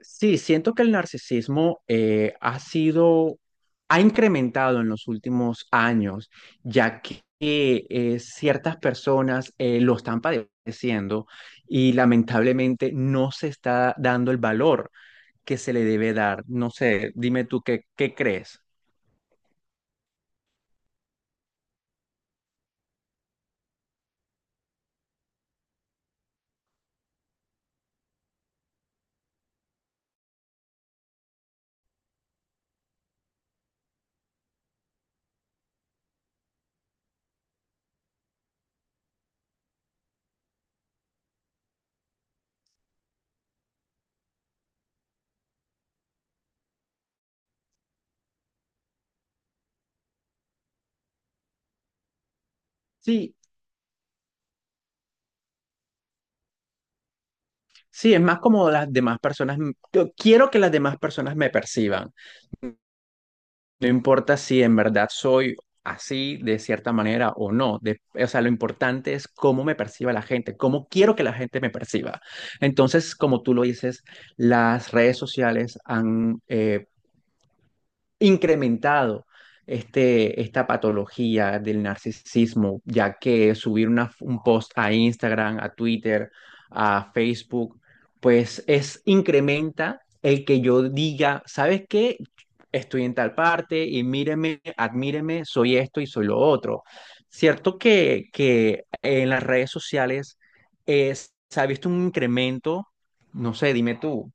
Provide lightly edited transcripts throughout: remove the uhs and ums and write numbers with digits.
Sí, siento que el narcisismo ha sido, ha incrementado en los últimos años, ya que ciertas personas lo están padeciendo y lamentablemente no se está dando el valor que se le debe dar. No sé, dime tú qué crees. Sí, sí, es más como las demás personas, yo quiero que las demás personas me perciban. No importa si en verdad soy así de cierta manera o no. O sea, lo importante es cómo me perciba la gente, cómo quiero que la gente me perciba. Entonces, como tú lo dices, las redes sociales han incrementado esta patología del narcisismo, ya que subir un post a Instagram, a Twitter, a Facebook, pues es incrementa el que yo diga, ¿sabes qué? Estoy en tal parte y míreme, admíreme, soy esto y soy lo otro. Cierto que en las redes sociales se ha visto un incremento, no sé, dime tú,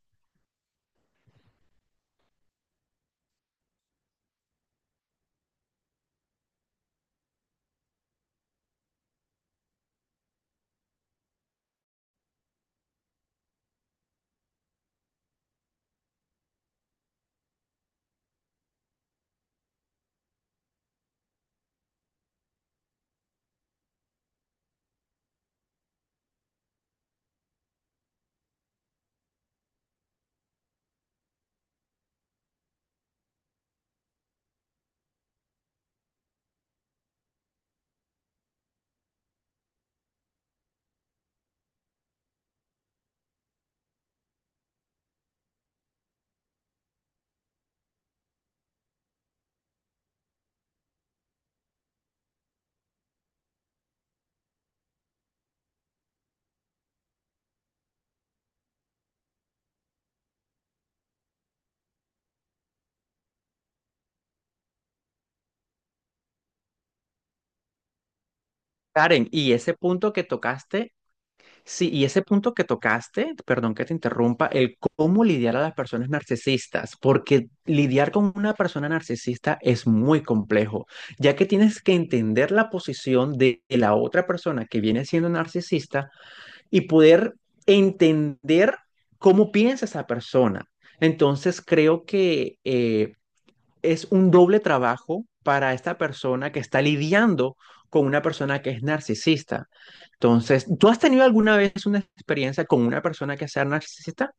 Karen, y ese punto que tocaste. Sí, y ese punto que tocaste, perdón que te interrumpa, el cómo lidiar a las personas narcisistas, porque lidiar con una persona narcisista es muy complejo, ya que tienes que entender la posición de la otra persona que viene siendo narcisista y poder entender cómo piensa esa persona. Entonces, creo que es un doble trabajo para esta persona que está lidiando con una persona que es narcisista. Entonces, ¿tú has tenido alguna vez una experiencia con una persona que sea narcisista?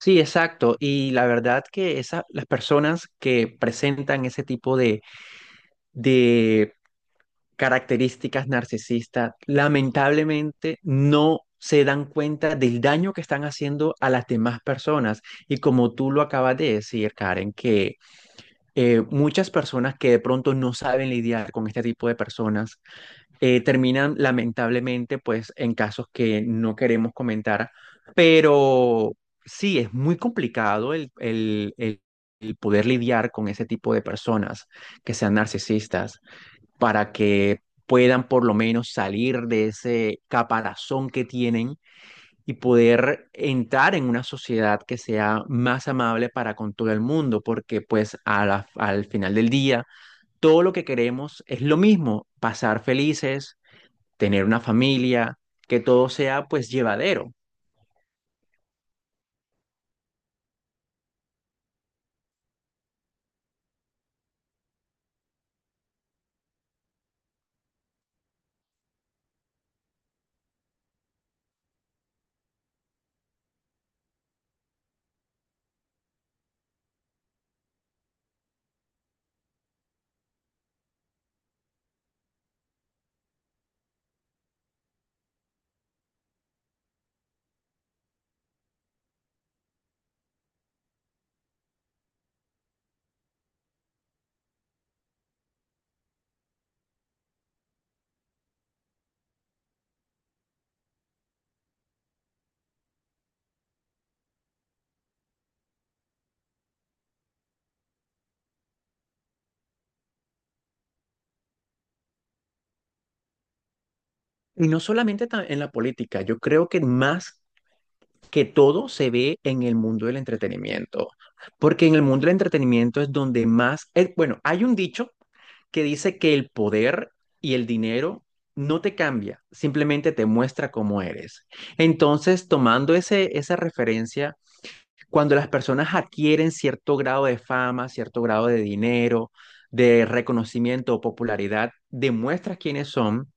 Sí, exacto. Y la verdad que las personas que presentan ese tipo de características narcisistas, lamentablemente no se dan cuenta del daño que están haciendo a las demás personas. Y como tú lo acabas de decir, Karen, que muchas personas que de pronto no saben lidiar con este tipo de personas terminan lamentablemente pues en casos que no queremos comentar, pero sí, es muy complicado el poder lidiar con ese tipo de personas que sean narcisistas para que puedan por lo menos salir de ese caparazón que tienen y poder entrar en una sociedad que sea más amable para con todo el mundo, porque pues a al final del día todo lo que queremos es lo mismo, pasar felices, tener una familia, que todo sea pues llevadero. Y no solamente en la política, yo creo que más que todo se ve en el mundo del entretenimiento, porque en el mundo del entretenimiento es donde más, bueno, hay un dicho que dice que el poder y el dinero no te cambia, simplemente te muestra cómo eres. Entonces, tomando esa referencia, cuando las personas adquieren cierto grado de fama, cierto grado de dinero, de reconocimiento o popularidad, demuestras quiénes son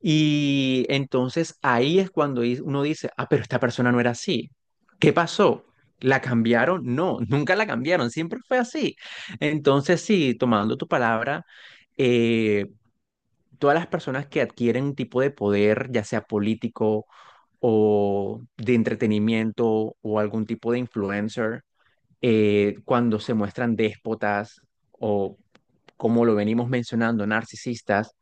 y entonces ahí es cuando uno dice, ah, pero esta persona no era así. ¿Qué pasó? ¿La cambiaron? No, nunca la cambiaron, siempre fue así. Entonces, sí, tomando tu palabra, eh, todas las personas que adquieren un tipo de poder, ya sea político o de entretenimiento o algún tipo de influencer, cuando se muestran déspotas o, como lo venimos mencionando, narcisistas,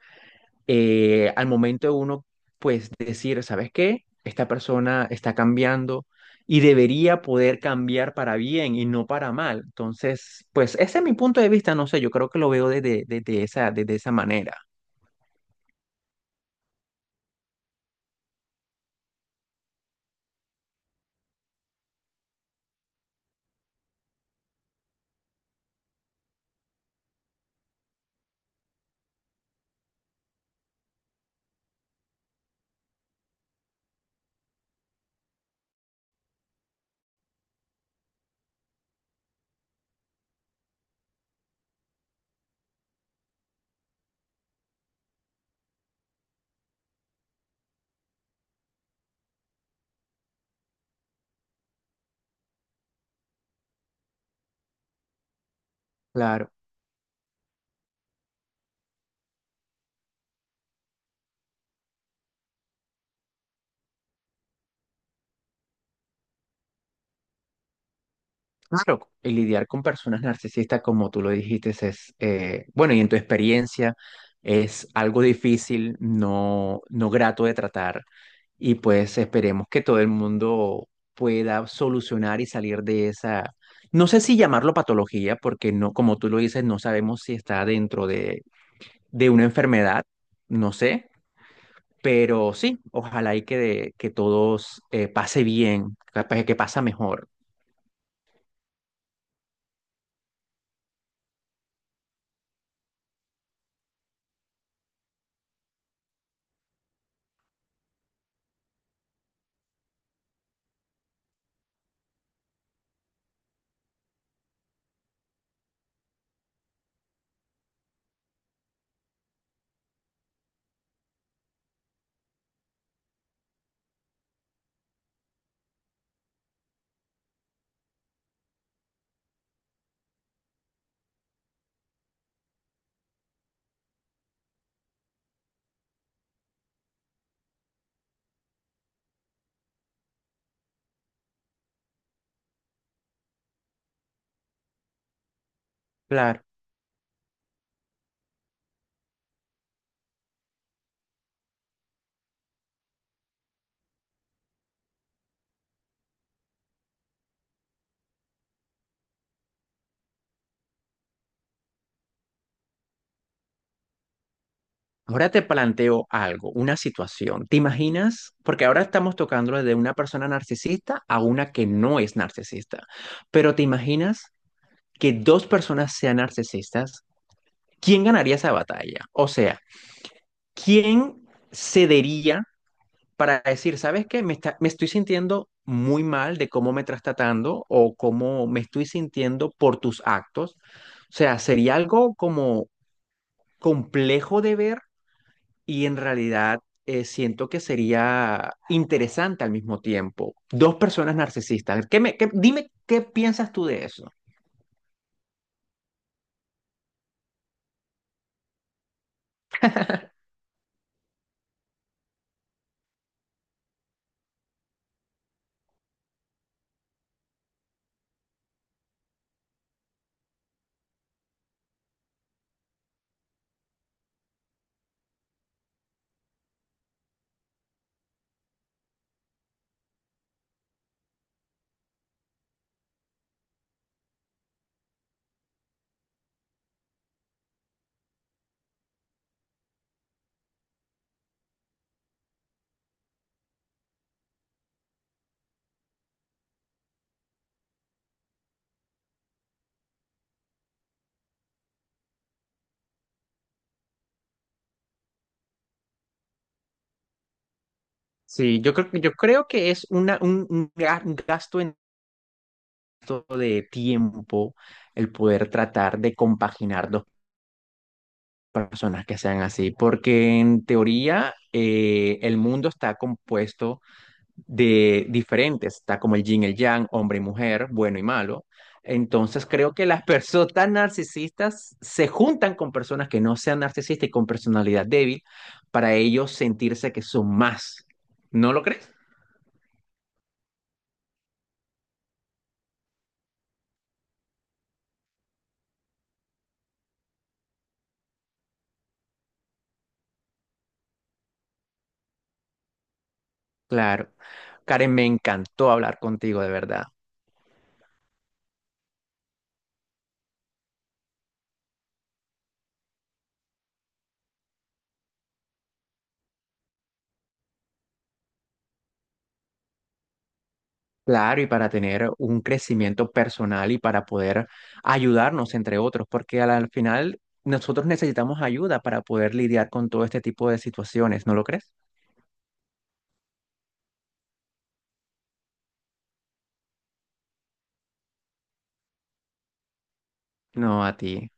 al momento de uno, pues decir, ¿sabes qué? Esta persona está cambiando y debería poder cambiar para bien y no para mal. Entonces, pues ese es mi punto de vista, no sé, yo creo que lo veo desde esa manera. Claro. Claro, y lidiar con personas narcisistas, como tú lo dijiste, es, bueno, y en tu experiencia es algo difícil, no, no grato de tratar, y pues esperemos que todo el mundo pueda solucionar y salir de esa, no sé si llamarlo patología, porque no, como tú lo dices, no sabemos si está dentro de una enfermedad, no sé, pero sí, ojalá y que todos pase bien, capaz que pasa mejor. Claro. Ahora te planteo algo, una situación. ¿Te imaginas? Porque ahora estamos tocando de una persona narcisista a una que no es narcisista. Pero ¿te imaginas que dos personas sean narcisistas? ¿Quién ganaría esa batalla? O sea, ¿quién cedería para decir, ¿sabes qué? Me estoy sintiendo muy mal de cómo me estás tratando o cómo me estoy sintiendo por tus actos. O sea, sería algo como complejo de ver y en realidad siento que sería interesante al mismo tiempo. Dos personas narcisistas. ¿Qué dime qué piensas tú de eso? Sí, yo creo que es una, un ga- un gasto en todo de tiempo el poder tratar de compaginar dos personas que sean así, porque en teoría el mundo está compuesto de diferentes, está como el yin, el yang, hombre y mujer, bueno y malo. Entonces creo que las personas tan narcisistas se juntan con personas que no sean narcisistas y con personalidad débil para ellos sentirse que son más. ¿No lo crees? Claro. Karen, me encantó hablar contigo, de verdad. Claro, y para tener un crecimiento personal y para poder ayudarnos entre otros, porque al al final nosotros necesitamos ayuda para poder lidiar con todo este tipo de situaciones, ¿no lo crees? No, a ti.